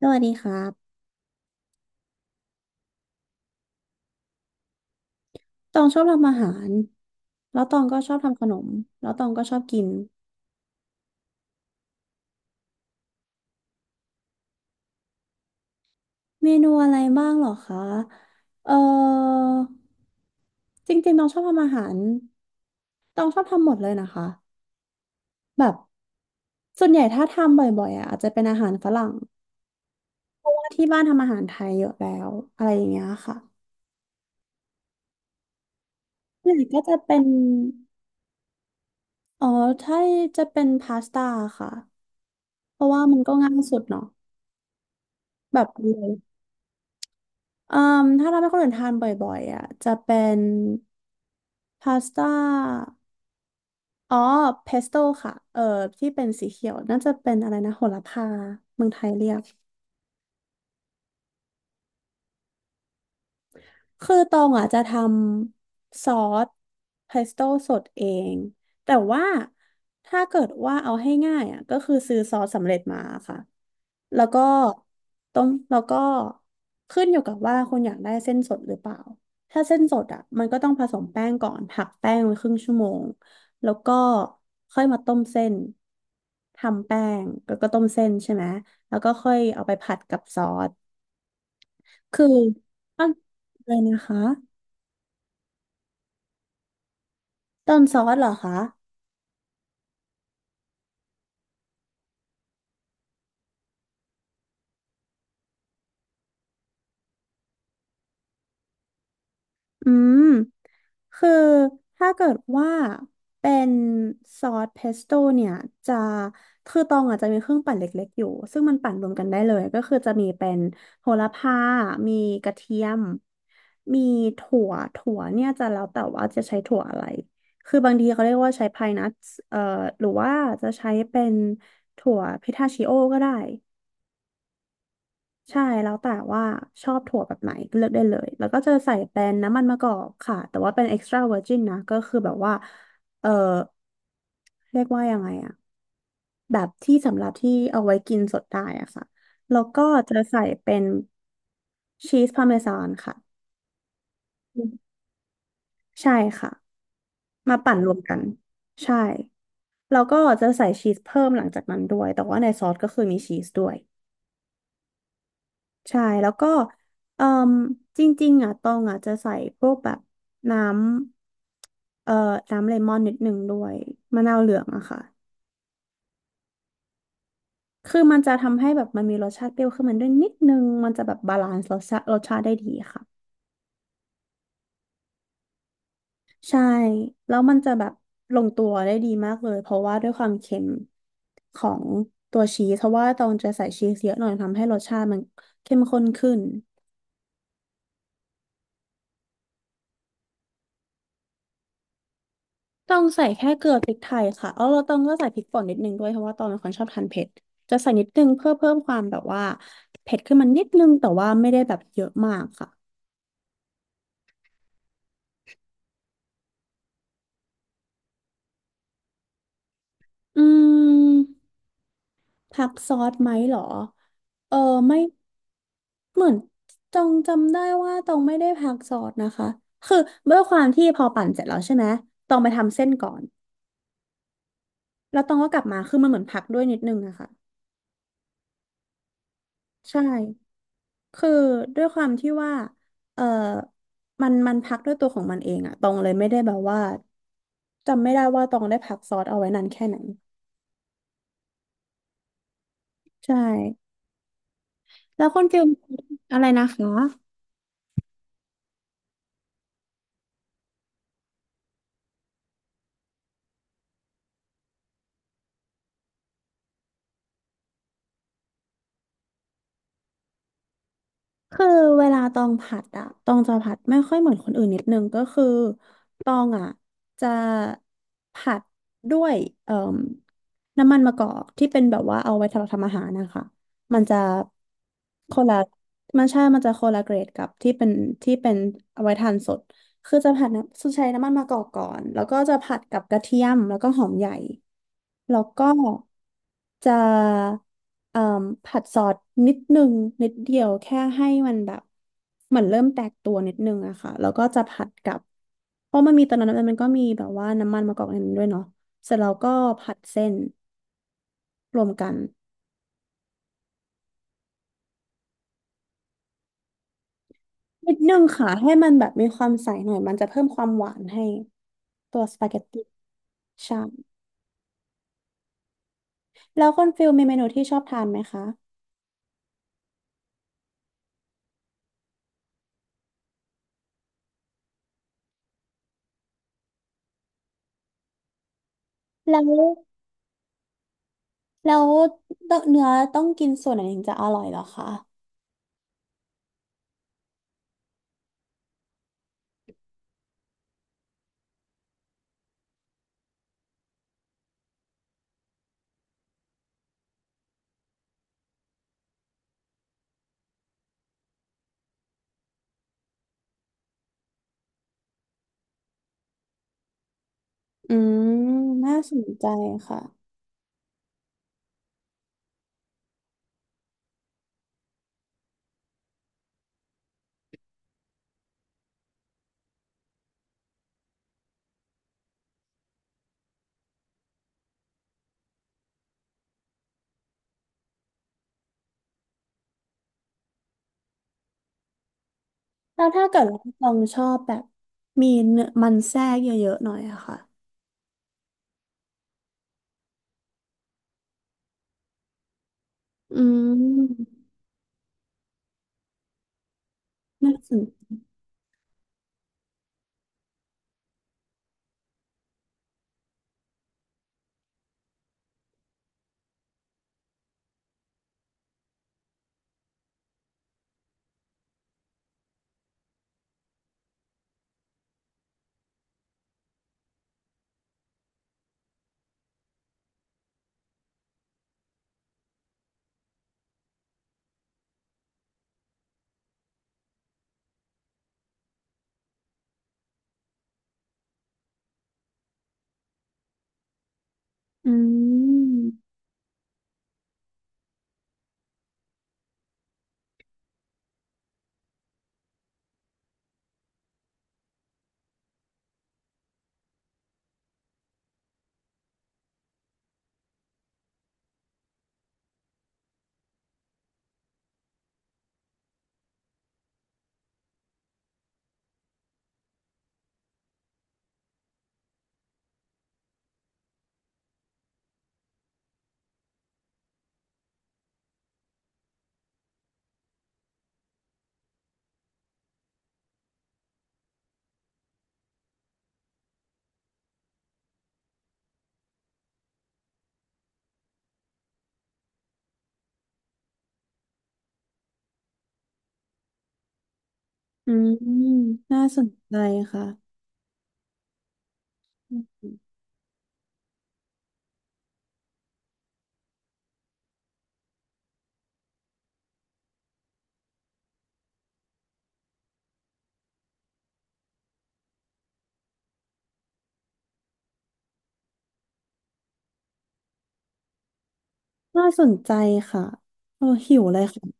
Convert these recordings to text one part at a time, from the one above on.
สวัสดีครับตองชอบทำอาหารแล้วตองก็ชอบทำขนมแล้วตองก็ชอบกิน เมนูอะไรบ้างเหรอคะเออจริงๆตองชอบทำอาหารตองชอบทำหมดเลยนะคะแบบส่วนใหญ่ถ้าทำบ่อยๆอ่ะอาจจะเป็นอาหารฝรั่งเพราะว่าที่บ้านทำอาหารไทยเยอะแล้ว อะไรอย่างเงี้ยค่ะส่วนใหญ่ก็จะเป็นอ๋อถ้าจะเป็นพาสต้าค่ะ เพราะว่ามันก็ง่ายสุดเนาะแบบเลย เอ่มถ้าเราให้คนอื่นทานบ่อยๆอ่ะจะเป็นพาสต้าอ๋อเพสโต้ค่ะที่เป็นสีเขียวน่าจะเป็นอะไรนะโหระพาเมืองไทยเรียก คือตองอ่ะจะทำซอสเพสโต้สดเองแต่ว่าถ้าเกิดว่าเอาให้ง่ายอ่ะก็คือซื้อซอสสำเร็จมาค่ะแล้วก็ต้มแล้วก็ขึ้นอยู่กับว่าคุณอยากได้เส้นสดหรือเปล่าถ้าเส้นสดอ่ะมันก็ต้องผสมแป้งก่อนหักแป้งไว้ครึ่งชั่วโมงแล้วก็ค่อยมาต้มเส้นทำแป้งแล้วก็ต้มเส้นใช่ไหมแล้วก็ค่อยเอาไปผัดกับซอสคือเลยนะคะ ต้นซอสเหรอคะ อืม คือถ้าเกิดว่าเป็นซอสเพสโต้เนี่ยจะคือตองอาจจะมีเครื่องปั่นเล็กๆอยู่ซึ่งมันปั่นรวมกันได้เลยก็คือจะมีเป็นโหระพามีกระเทียมมีถั่วถั่วเนี่ยจะแล้วแต่ว่าจะใช้ถั่วอะไรคือบางทีเขาเรียกว่าใช้พายนัทเอ่อหรือว่าจะใช้เป็นถั่วพิทาชิโอก็ได้ ใช่แล้วแต่ว่าชอบถั่วแบบไหนเลือกได้เลยแล้วก็จะใส่เป็นน้ำมันมะกอกค่ะแต่ว่าเป็น extra virgin นะก็คือแบบว่าเออเรียกว่ายังไงอะแบบที่สำหรับที่เอาไว้กินสดได้อะค่ะแล้วก็จะใส่เป็นชีสพาร์เมซานค่ะใช่ค่ะมาปั่นรวมกันใช่แล้วก็จะใส่ชีสเพิ่มหลังจากนั้นด้วยแต่ว่าในซอสก็คือมีชีสด้วย ใช่แล้วก็เอ่มจริงๆอ่ะตองอ่ะจะใส่พวกแบบน้ำน้ำเลมอนนิดหนึ่งด้วยมะนาวเหลืองอะค่ะคือมันจะทำให้แบบมันมีรสชาติเปรี้ยวขึ้นมาด้วยนิดนึงมันจะแบบบาลานซ์รสชาติได้ดีค่ะใช่แล้วมันจะแบบลงตัวได้ดีมากเลยเพราะว่าด้วยความเค็มของตัวชีสเพราะว่าตองจะใส่ชีสเยอะหน่อยทำให้รสชาติมันเข้มข้นขึ้น ต้องใส่แค่เกลือพริกไทยค่ะเอาเราต้องก็ใส่พริกป่นนิดนึงด้วยเพราะว่าตองเป็นคนชอบทานเผ็ดจะใส่นิดนึงเพื่อเพิ่มความแบบว่าเผ็ดขึ้นมานิดนึงแต่ว่าไม่ได้แบบเยอะมากค่ะอืมผักซอสไหมเหรอเออไม่เหมือนตองจำได้ว่าตองไม่ได้ผักซอสนะคะคือด้วยความที่พอปั่นเสร็จแล้วใช่ไหมตองไปทำเส้นก่อนแล้วตองก็กลับมาคือมันเหมือนผักด้วยนิดนึงอะค่ะใช่ คือด้วยความที่ว่าเออมันพักด้วยตัวของมันเองอะตองเลยไม่ได้แบบว่าจำไม่ได้ว่าตองได้พักซอสเอาไว้นานแค่ไหนใช่ แล้วคนฟิลอะไรนะคะ คือเวลาตองผัดอะตองจะผัดไม่ค่อยเหมือนคนอื่นนิดนึงก็คือตองอะจะผัดด้วยเอ่มน้ำมันมะกอกที่เป็นแบบว่าเอาไว้สำหรับทำอาหารนะคะมันจะคนละมันใช่มันจะคนละเกรดกับที่เป็นที่เป็นเอาไว้ทานสด คือจะผัดน้ำใช้น้ำมันมะกอกก่อน แล้วก็จะผัดกับกระเทียมแล้วก็หอมใหญ่แล้วก็จะเอ่มผัดซอสนิดนึงนิดเดียวแค่ให้มันแบบเหมือนเริ่มแตกตัวนิดนึงอะค่ะแล้วก็จะผัดกับเพราะมันมีตอนนั้นมันก็มีแบบว่าน้ำมันมะกอกในนั้นด้วยเนาะเสร็จแล้วก็ผัดเส้นรวมกันนิดนึงค่ะให้มันแบบมีความใสหน่อยมันจะเพิ่มความหวานให้ตัวสปาเกตตี้ใช่ แล้วคุณฟิลมีเมนูที่ชอบทานไหมคะ แล้วแล้วต้องเนื้อต้องกินส่วนไหนถึงจะอร่อยเหรอคะอืมน่าสนใจค่ะแล้วถ้าเกิดว่าตองชอบแบบมีเนื้อมันแทรกเยอะๆหน่อยอะค่ะอืมน่าสนอืมอืมน่าสนใจค่ะอืมน่าสนใจค่ะโอ้หิวเลยค่ะ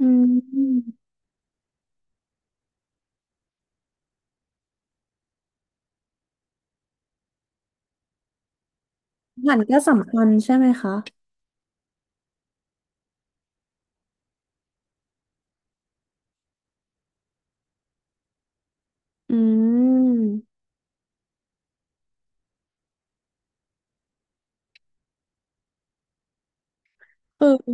อืมอาหารก็สำคัญใช่ไหมคะ อืมคือ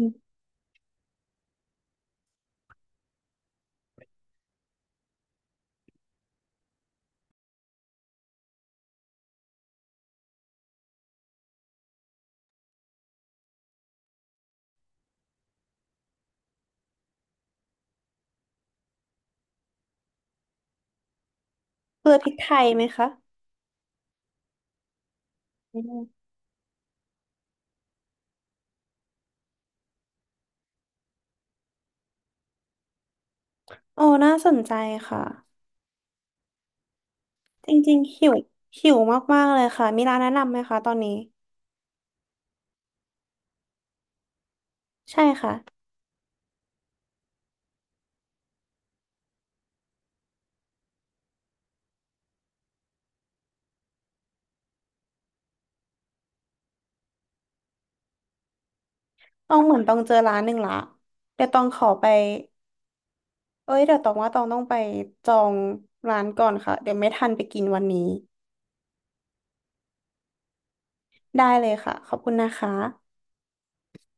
เกลือพริกไทยไหมคะอืมโอ้น่าสนใจค่ะ จริงๆ หิว หิวมากๆเลยค่ะ มีร้านแนะนำไหมคะตอนนี้ ใช่ค่ะ ต้องเหมือนต้องเจอร้านหนึ่งละ เดี๋ยวต้องขอไปเอ้ยเดี๋ยวต้องว่าต้องไปจองร้านก่อนค่ะ เดี๋ยวไม่ทันไปกินวันนี้ ได้เลยค่ะ ขอบคุณนะคะ